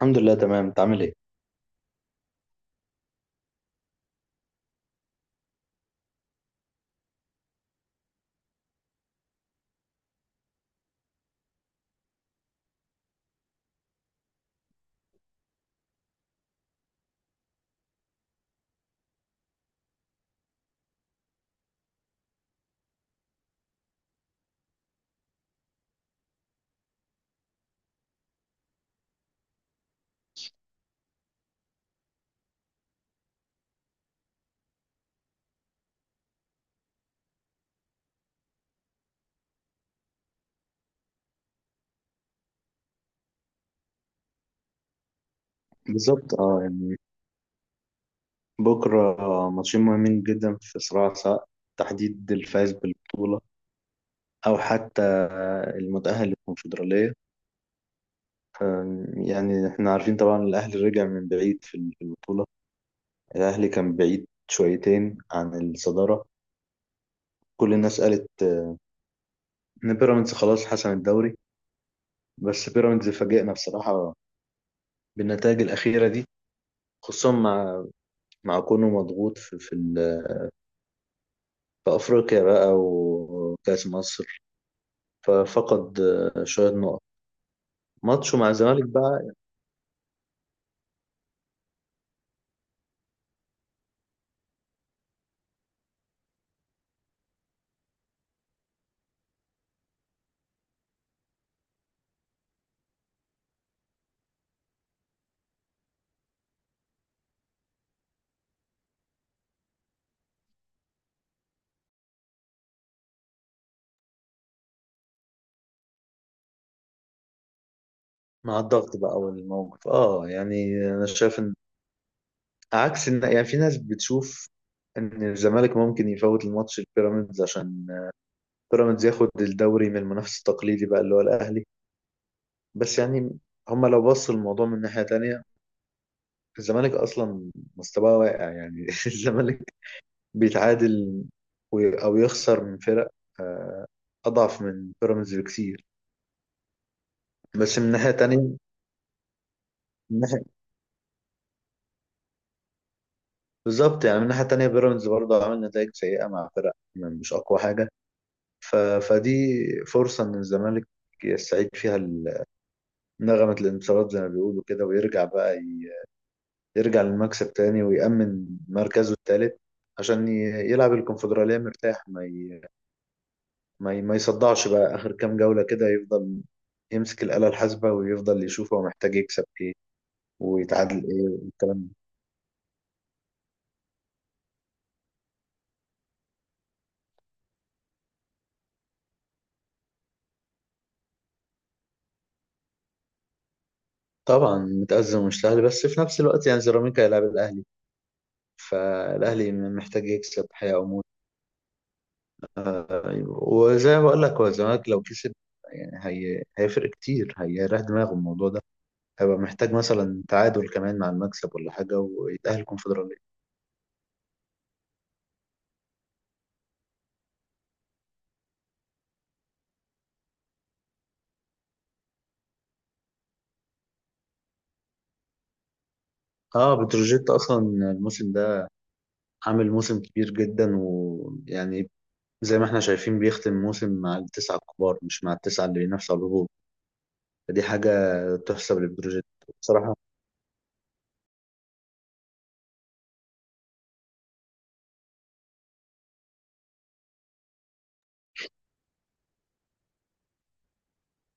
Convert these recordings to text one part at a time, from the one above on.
الحمد لله تمام. انت عامل ايه؟ بالظبط اه يعني بكره ماتشين مهمين جدا في صراع، سواء تحديد الفائز بالبطوله او حتى المتاهل للكونفدراليه. ف- يعني احنا عارفين طبعا الاهلي رجع من بعيد في البطوله. الاهلي كان بعيد شويتين عن الصداره. كل الناس قالت ان بيراميدز خلاص حسم الدوري. بس بيراميدز فاجئنا بصراحه بالنتائج الاخيره دي. خصوصا مع كونه مضغوط في افريقيا بقى وكاس مصر. ففقد شوية نقط. ماتشه مع الزمالك بقى مع الضغط بقى والموقف. اه يعني انا شايف ان عكس ان يعني في ناس بتشوف ان الزمالك ممكن يفوت الماتش البيراميدز، عشان بيراميدز ياخد الدوري من المنافس التقليدي بقى اللي هو الاهلي. بس يعني هما لو بصوا الموضوع من ناحية تانية، الزمالك اصلا مستواه واقع يعني. الزمالك بيتعادل او يخسر من فرق آه، اضعف من بيراميدز بكتير. بس من ناحية تانية، بالظبط يعني من الناحية التانية بيراميدز برضه عامل نتائج سيئة مع فرق يعني مش أقوى حاجة. فدي فرصة إن الزمالك يستعيد فيها نغمة الانتصارات زي ما بيقولوا كده، ويرجع بقى يرجع للمكسب تاني، ويأمن مركزه التالت. عشان يلعب الكونفدرالية مرتاح، ما يصدعش بقى آخر كام جولة كده، يفضل يمسك الآلة الحاسبة ويفضل يشوف هو محتاج يكسب إيه ويتعادل إيه والكلام ده. طبعا متأزم ومش سهل، بس في نفس الوقت يعني سيراميكا هيلاعب الأهلي. فالاهلي محتاج يكسب، حياة او موت. أيوة. وزي ما بقول لك هو الزمالك لو كسب يعني هيفرق كتير، هيريح دماغه الموضوع ده. هيبقى محتاج مثلا تعادل كمان مع المكسب ولا حاجة ويتأهل كونفدرالية. اه بتروجيت اصلا الموسم ده عامل موسم كبير جدا، ويعني زي ما احنا شايفين بيختم موسم مع التسعة الكبار، مش مع التسعة اللي بينافسوا على الهبوط. فدي حاجة تحسب لبتروجيت بصراحة.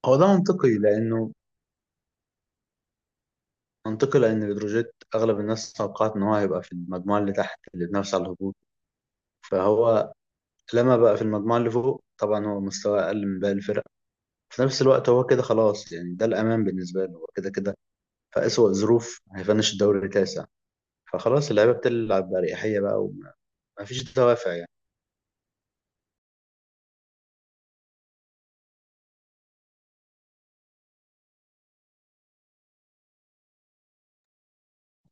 هو ده منطقي لأنه منطقي لأن بتروجيت أغلب الناس توقعت إن هو هيبقى في المجموعة اللي تحت اللي بنفس على الهبوط. فهو لما بقى في المجموعة اللي فوق، طبعا هو مستواه أقل من باقي الفرق. في نفس الوقت هو كده خلاص يعني، ده الأمان بالنسبة له، هو كده كده في أسوأ ظروف هيفنش الدوري تاسع. فخلاص اللعيبة بتلعب بأريحية بقى، ومفيش دوافع يعني.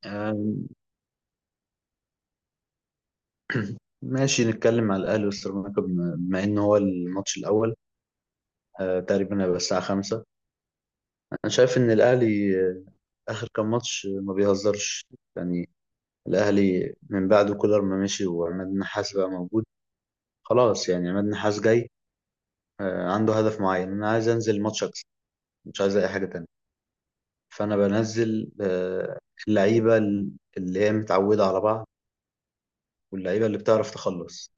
آم، ماشي، نتكلم على الأهلي والسيراميكا بما إن هو الماتش الأول. تقريبا هيبقى الساعة 5. أنا شايف إن الأهلي آخر كام ماتش ما بيهزرش يعني. الأهلي من بعد كولر ما مشي وعماد النحاس بقى موجود، خلاص يعني عماد النحاس جاي، عنده هدف معين. أنا عايز أنزل ماتش أكسب، مش عايز أي حاجة تانية. فأنا بنزل اللعيبة اللي هي متعودة على بعض، واللعيبة اللي بتعرف تخلص.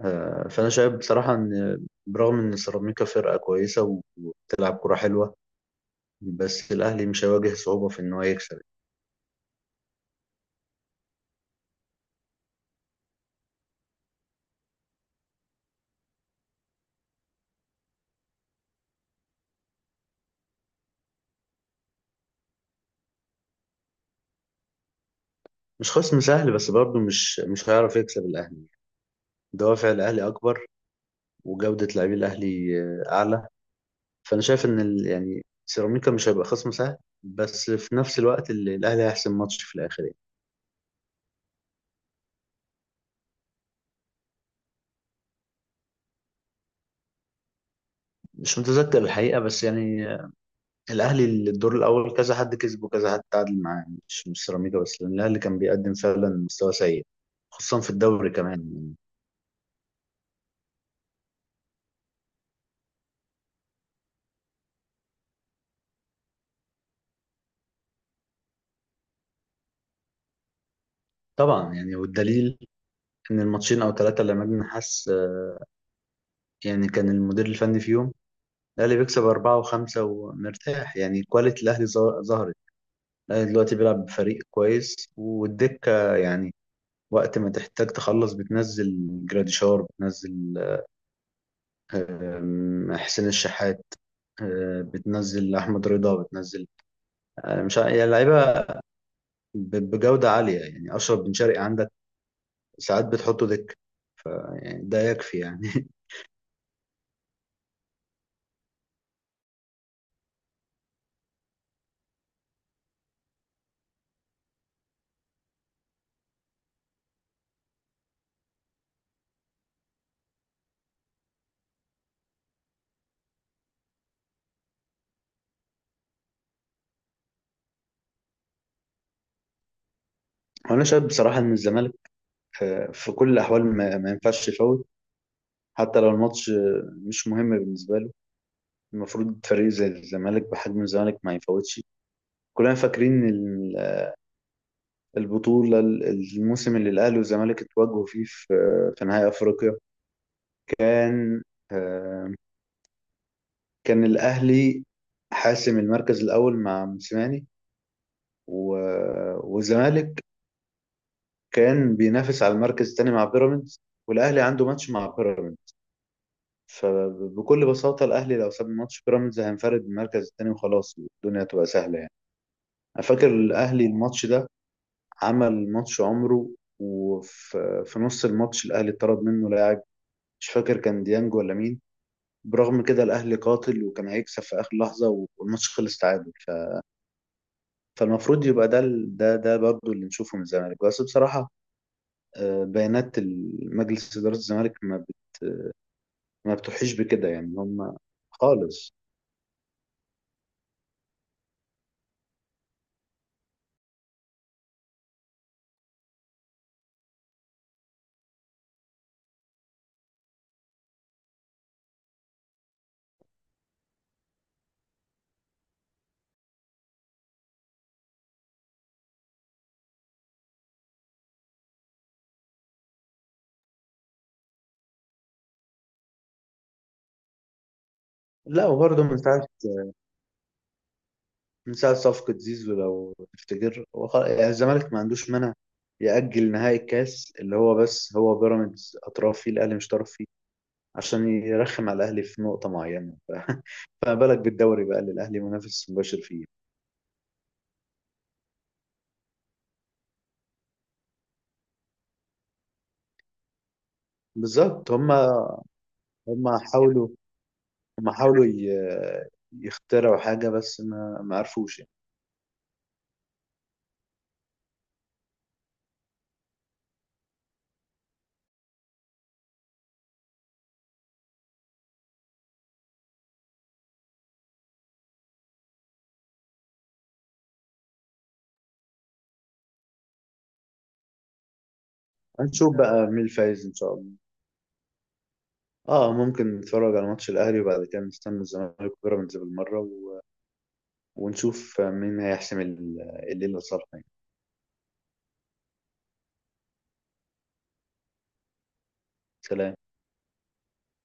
فأنا شايف بصراحة إن برغم إن سيراميكا فرقة كويسة وبتلعب كرة حلوة، بس الأهلي مش هيواجه صعوبة في إن هو يكسب. مش خصم سهل، بس برضه مش هيعرف يكسب الأهلي. دوافع الأهلي أكبر، وجودة لاعبي الأهلي أعلى. فانا شايف ان يعني سيراميكا مش هيبقى خصم سهل، بس في نفس الوقت الاهلي هيحسم ماتش في الاخر يعني. مش متذكر الحقيقه بس يعني، الاهلي الدور الاول كذا حد كسبه وكذا حد تعادل معاه يعني، مش سيراميكا بس، لان الاهلي كان بيقدم فعلا مستوى سيء خصوصا في الدوري كمان يعني. طبعا يعني، والدليل ان الماتشين او ثلاثه اللي مجدي حس يعني كان المدير الفني فيهم، الاهلي بيكسب اربعه وخمسه ومرتاح يعني كواليتي الاهلي ظهرت. الاهلي دلوقتي بيلعب بفريق كويس والدكه يعني، وقت ما تحتاج تخلص بتنزل جراديشار، بتنزل حسين الشحات، بتنزل أحمد رضا، بتنزل، مش يعني لعيبة بجودة عالية. يعني أشرف بن شرقي عندك ساعات بتحطه دك. ف- يعني ده يكفي يعني وأنا شايف بصراحة إن الزمالك، في كل الأحوال ما ينفعش يفوت. حتى لو الماتش مش مهم بالنسبة له، المفروض فريق زي الزمالك بحجم الزمالك ما يفوتش. كلنا فاكرين البطولة، الموسم اللي الأهلي والزمالك اتواجهوا فيه في نهائي أفريقيا، كان آه، كان الأهلي حاسم المركز الأول مع موسيماني. والزمالك كان بينافس على المركز الثاني مع بيراميدز، والأهلي عنده ماتش مع بيراميدز. فبكل بساطة الأهلي لو ساب ماتش بيراميدز هينفرد بالمركز الثاني وخلاص. الدنيا تبقى سهلة يعني. أنا فاكر الأهلي الماتش ده عمل ماتش عمره، وفي نص الماتش الأهلي اتطرد منه لاعب، مش فاكر كان ديانج ولا مين. برغم كده الاهلي قاتل وكان هيكسب في اخر لحظه والماتش خلص تعادل. فالمفروض يبقى ده ده ده برضه اللي نشوفه من الزمالك، بس بصراحه بيانات مجلس اداره الزمالك ما بتوحيش بكده يعني هم خالص. لا، وبرضه من ساعه صفقه زيزو لو تفتكر، هو يعني الزمالك ما عندوش مانع يأجل نهائي الكاس اللي هو، بس هو بيراميدز اطراف فيه الاهلي مش طرف فيه. عشان يرخم على الاهلي في نقطه معينه فما بالك بالدوري بقى اللي الاهلي منافس مباشر فيه. بالظبط، هم حاولوا هم حاولوا يخترعوا حاجه بس ما عرفوش يعني. هنشوف بقى مين الفايز ان شاء الله. اه ممكن نتفرج على ماتش الاهلي، وبعد كده نستنى الزمالك وبيراميدز بالمره، ونشوف مين هيحسم الليله صالحه يعني. سلام.